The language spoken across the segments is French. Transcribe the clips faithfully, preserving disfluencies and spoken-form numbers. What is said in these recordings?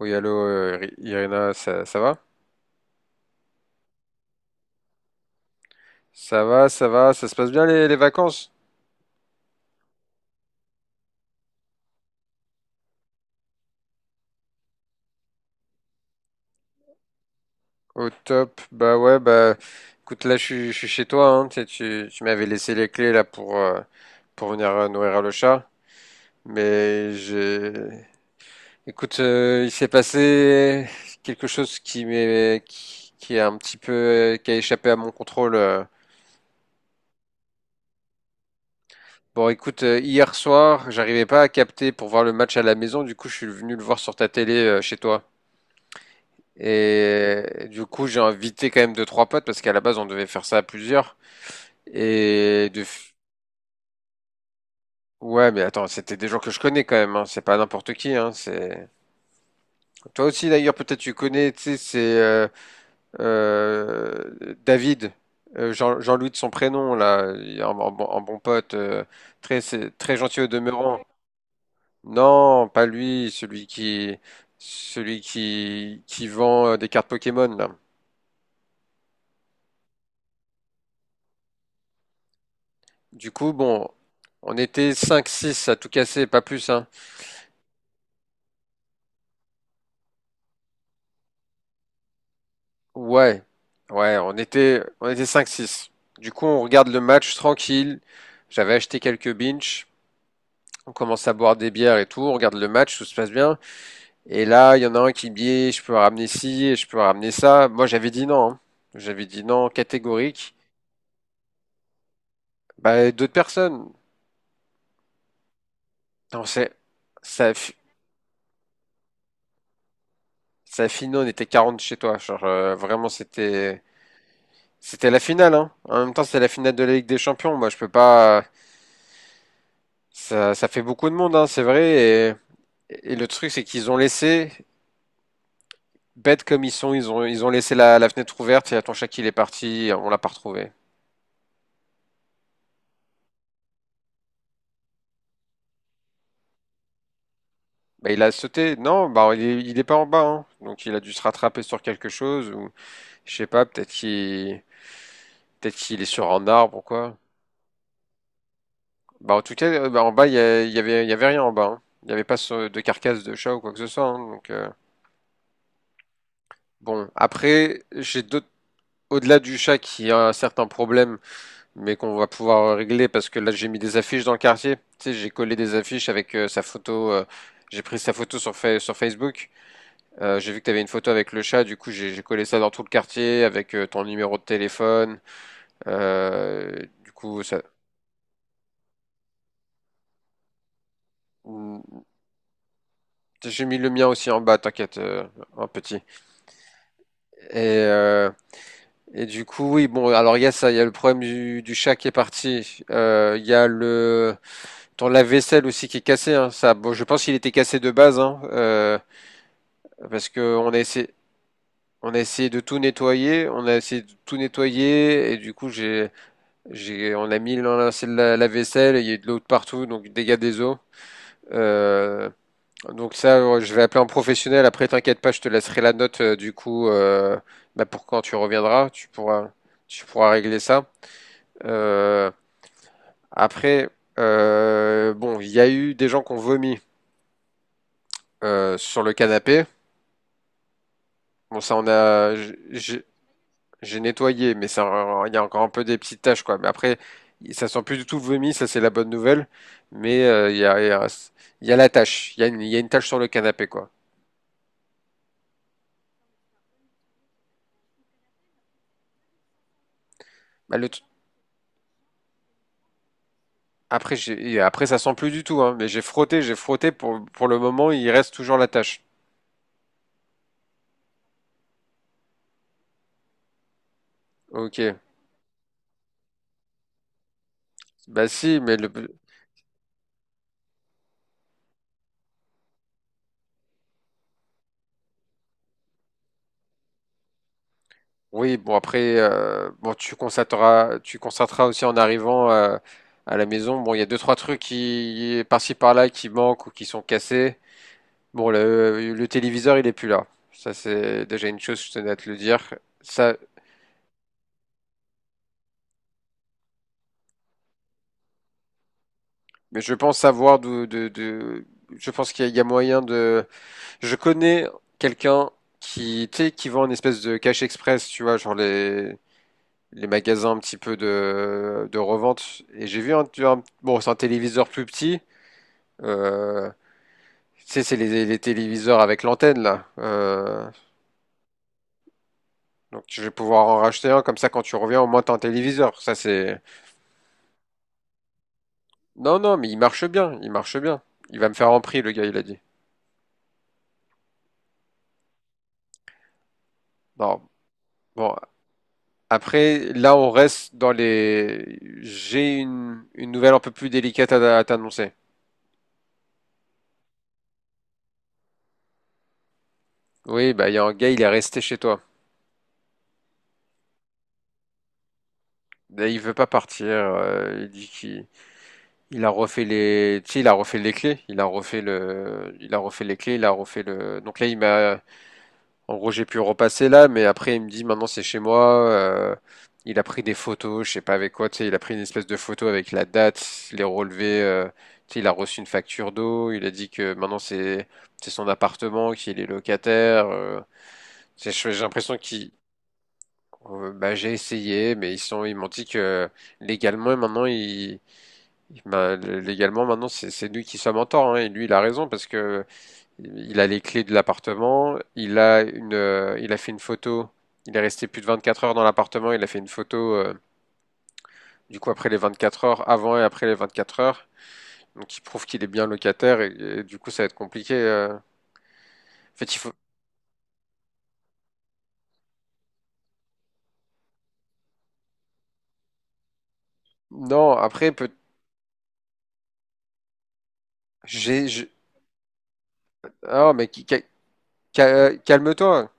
Oui, allô, euh, Ri- Irina, ça, ça va? Ça va, ça va, ça se passe bien les, les vacances? Au top, bah ouais, bah écoute, là je suis je suis chez toi, hein, tu sais, tu, tu m'avais laissé les clés là pour, euh, pour venir, euh, nourrir le chat, mais j'ai... Écoute, euh, il s'est passé quelque chose qui m'est, qui, qui est un petit peu, euh, qui a échappé à mon contrôle. euh. Bon, écoute, euh, hier soir, j'arrivais pas à capter pour voir le match à la maison, du coup je suis venu le voir sur ta télé, euh, chez toi. Et du coup, j'ai invité quand même deux, trois potes parce qu'à la base, on devait faire ça à plusieurs. Et de... f- Ouais, mais attends, c'était des gens que je connais quand même, hein. C'est pas n'importe qui, hein. C'est... Toi aussi, d'ailleurs, peut-être tu connais, tu sais, c'est euh, euh, David, euh, Jean, Jean-Louis de son prénom, là, un, un bon un bon pote, euh, très, c'est- très gentil au demeurant. Non, pas lui, celui qui, celui qui, qui vend, euh, des cartes Pokémon, là. Du coup, bon, on était cinq six à tout casser, pas plus, hein. Ouais, ouais, on était, on était cinq six. Du coup, on regarde le match tranquille. J'avais acheté quelques binges. On commence à boire des bières et tout. On regarde le match, tout se passe bien. Et là, il y en a un qui me dit, je peux ramener ci, et je peux ramener ça. Moi, j'avais dit non, hein. J'avais dit non, catégorique. Bah, d'autres personnes. Non, c'est, ça, a fi- ça a fini, on était quarante chez toi. Genre, euh, vraiment, c'était, c'était la finale, hein. En même temps, c'est la finale de la Ligue des Champions. Moi, je peux pas. Ça, ça fait beaucoup de monde, hein, c'est vrai. Et, et le truc, c'est qu'ils ont laissé, bêtes comme ils sont, ils ont, ils ont laissé la, la fenêtre ouverte. Et ton chat, il est parti, on l'a pas retrouvé. Bah, il a sauté. Non, bah, il est, il est pas en bas, hein. Donc, il a dû se rattraper sur quelque chose ou je sais pas. Peut-être qu'il, peut-être qu'il est sur un arbre ou quoi. Bah, en tout cas, euh, bah, en bas, il y, a- il y avait, il y avait rien en bas, hein. Il n'y avait pas ce- de carcasse de chat ou quoi que ce soit, hein. Donc, euh, bon, après, j'ai d'autres. Au-delà du chat qui a un certain problème, mais qu'on va pouvoir régler parce que là j'ai mis des affiches dans le quartier. Tu sais, j'ai collé des affiches avec, euh, sa photo. Euh, j'ai pris sa photo sur, Fa- sur Facebook. Euh, j'ai vu que tu avais une photo avec le chat. Du coup, j'ai j'ai collé ça dans tout le quartier avec, euh, ton numéro de téléphone. Euh, du coup, ça. Mm. J'ai mis le mien aussi en bas, t'inquiète, euh, en petit. Et, euh, et du coup, oui, bon, alors il y a ça, il y a le problème du, du chat qui est parti. Euh, Il y a le. Ton lave-vaisselle aussi qui est cassé, hein, ça, bon, je pense qu'il était cassé de base, hein, euh, parce que on a essayé, on a essayé de tout nettoyer, on a essayé de tout nettoyer, et du coup j'ai, j'ai, on a mis dans la, c'est de la, la vaisselle, il y a eu de l'eau de partout, donc dégâts des eaux. Euh, donc ça, euh, je vais appeler un professionnel. Après, t'inquiète pas, je te laisserai la note, euh, du coup euh, bah, pour quand tu reviendras, tu pourras, tu pourras régler ça. Euh, Après, euh, bon, il y a eu des gens qui ont vomi, euh, sur le canapé. Bon, ça, on a, j'ai j'ai- nettoyé, mais ça, il y a encore un peu des petites taches, quoi. Mais après, ça sent plus du tout le vomi, ça, c'est la bonne nouvelle. Mais euh, il y a, il y a, il y a la tache, il y a une, il y a une tache sur le canapé, quoi. Bah, le t- après, j'ai, et après, ça sent plus du tout, hein. Mais j'ai frotté, j'ai frotté, pour, pour le moment, il reste toujours la tache. Ok. Bah si, mais le, oui, bon après, euh, bon tu constateras, tu constateras aussi en arrivant, euh, à la maison. Bon, il y a deux trois trucs qui par-ci par-là qui manquent ou qui sont cassés. Bon, le, le téléviseur, il est plus là. Ça, c'est déjà une chose, je tenais à te le dire. Ça, mais je pense savoir d'où, de, de- je pense qu'il y a, il y a moyen de, je connais quelqu'un qui, tu sais, qui vend une espèce de cash express, tu vois, genre les, les magasins un petit peu de, de revente. Et j'ai vu un, un- bon, c'est un téléviseur plus petit, euh, tu sais, c'est les, les téléviseurs avec l'antenne, là. Euh, donc, je vais pouvoir en racheter un, comme ça, quand tu reviens, au moins, t'as un téléviseur. Ça, c'est. Non, non, mais il marche bien, il marche bien. Il va me faire en prix, le gars, il a dit. Non, bon. Après, là, on reste dans les. J'ai une, une nouvelle un peu plus délicate à, à t'annoncer. Oui, bah, il y a un gars, il est resté chez toi. Mais il veut pas partir. Euh, il dit qu'il il a refait les, tu sais, il a refait les clés. Il a refait le, il a refait les clés. Il a refait le. Donc là, il m'a. En gros, j'ai pu repasser là, mais après, il me dit maintenant c'est chez moi. Euh, il a pris des photos, je sais pas avec quoi, tu sais, il a pris une espèce de photo avec la date, les relevés. Euh, tu sais, il a reçu une facture d'eau. Il a dit que maintenant c'est c'est son appartement, qu'il est locataire. Euh, c'est- j'ai l'impression qu'il. Euh, bah, j'ai essayé, mais ils sont, ils m'ont dit que légalement maintenant, il, il- bah, légalement maintenant, c'est c'est nous qui sommes en tort, hein, et lui il a raison parce que il a les clés de l'appartement, il a une, euh, il a fait une photo, il est resté plus de vingt-quatre heures dans l'appartement, il a fait une photo, euh, du coup après les vingt-quatre heures, avant et après les vingt-quatre heures, donc il prouve qu'il est bien locataire et, et du coup ça va être compliqué. euh. En fait, il faut... Non, après, peut... j'ai... j'ai- Oh, mais qui- ca- ca- calme-toi.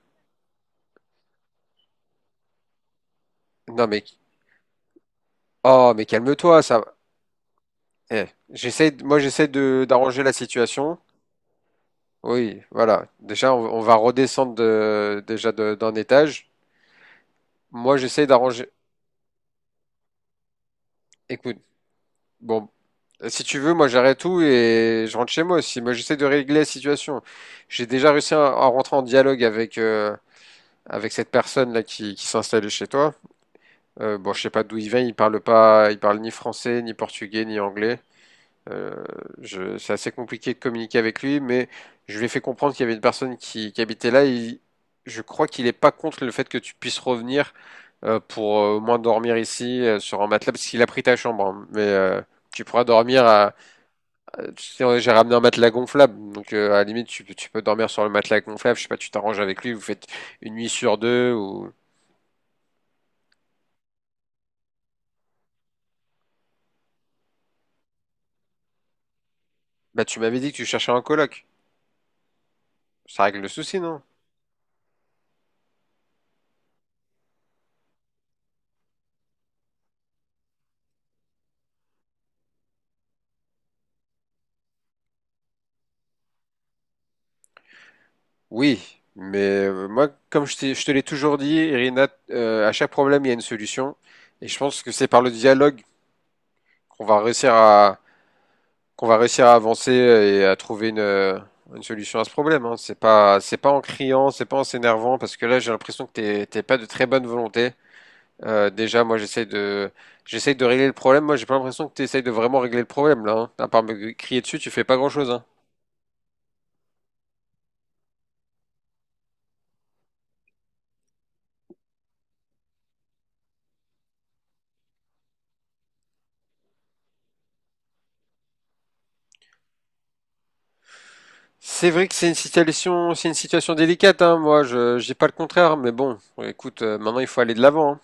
Non, mais... Oh, mais calme-toi, ça... Eh, j'essaie... de- Moi, j'essaie de... d'arranger la situation. Oui, voilà. Déjà, on, on va redescendre de- déjà de- d'un étage. Moi, j'essaye d'arranger. Écoute, bon, si tu veux, moi j'arrête tout et je rentre chez moi aussi. Moi, j'essaie de régler la situation. J'ai déjà réussi à, à rentrer en dialogue avec, euh, avec cette personne là qui, qui s'est installée chez toi. Euh, bon, je sais pas d'où il vient. Il parle pas, il parle ni français, ni portugais, ni anglais. Euh, je, c'est assez compliqué de communiquer avec lui, mais je lui ai fait comprendre qu'il y avait une personne qui, qui habitait là. Il- je crois qu'il est pas contre le fait que tu puisses revenir, euh, pour, euh, au moins dormir ici, euh, sur un matelas, parce qu'il a pris ta chambre, hein. Mais euh, tu pourras dormir à. Euh, tu sais, ouais, j'ai ramené un matelas gonflable, donc, euh, à la limite tu, peux- tu peux dormir sur le matelas gonflable. Je sais pas, tu t'arranges avec lui, vous faites une nuit sur deux ou. Bah tu m'avais dit que tu cherchais un coloc. Ça règle le souci, non? Oui, mais euh, moi, comme je t'ai- je te l'ai toujours dit, Irina, euh, à chaque problème, il y a une solution. Et je pense que c'est par le dialogue qu'on va réussir à, qu'on va réussir à avancer et à trouver une, euh, une solution à ce problème, hein. C'est pas, c'est pas en criant, c'est pas en s'énervant, parce que là, j'ai l'impression que t'es, t'es pas de très bonne volonté. Euh, déjà, moi, j'essaie de, j'essaie de régler le problème. Moi, j'ai pas l'impression que t'essayes de vraiment régler le problème, là, hein. À part me crier dessus, tu fais pas grand-chose, hein. C'est vrai que c'est une situation, c'est une situation délicate, hein, moi, je, je dis pas le contraire, mais bon, écoute, euh, maintenant il faut aller de l'avant, hein.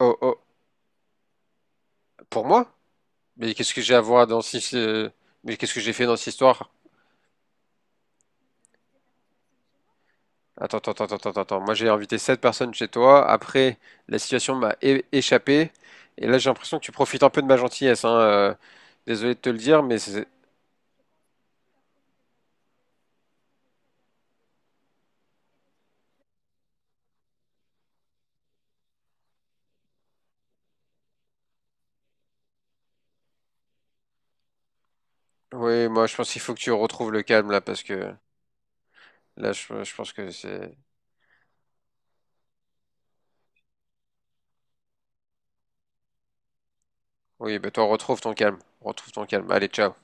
Oh, oh, pour moi? Mais qu'est-ce que j'ai à voir dans si, si, euh, mais qu'est-ce que j'ai fait dans cette histoire? Attends, attends, attends, attends, attends, moi, j'ai invité sept personnes chez toi. Après, la situation m'a é- échappé. Et là, j'ai l'impression que tu profites un peu de ma gentillesse, hein. Euh, désolé de te le dire, mais c'est... Oui, moi, je pense qu'il faut que tu retrouves le calme, là, parce que... Là, je, je pense que c'est... Oui, ben toi, retrouve ton calme. Retrouve ton calme. Allez, ciao.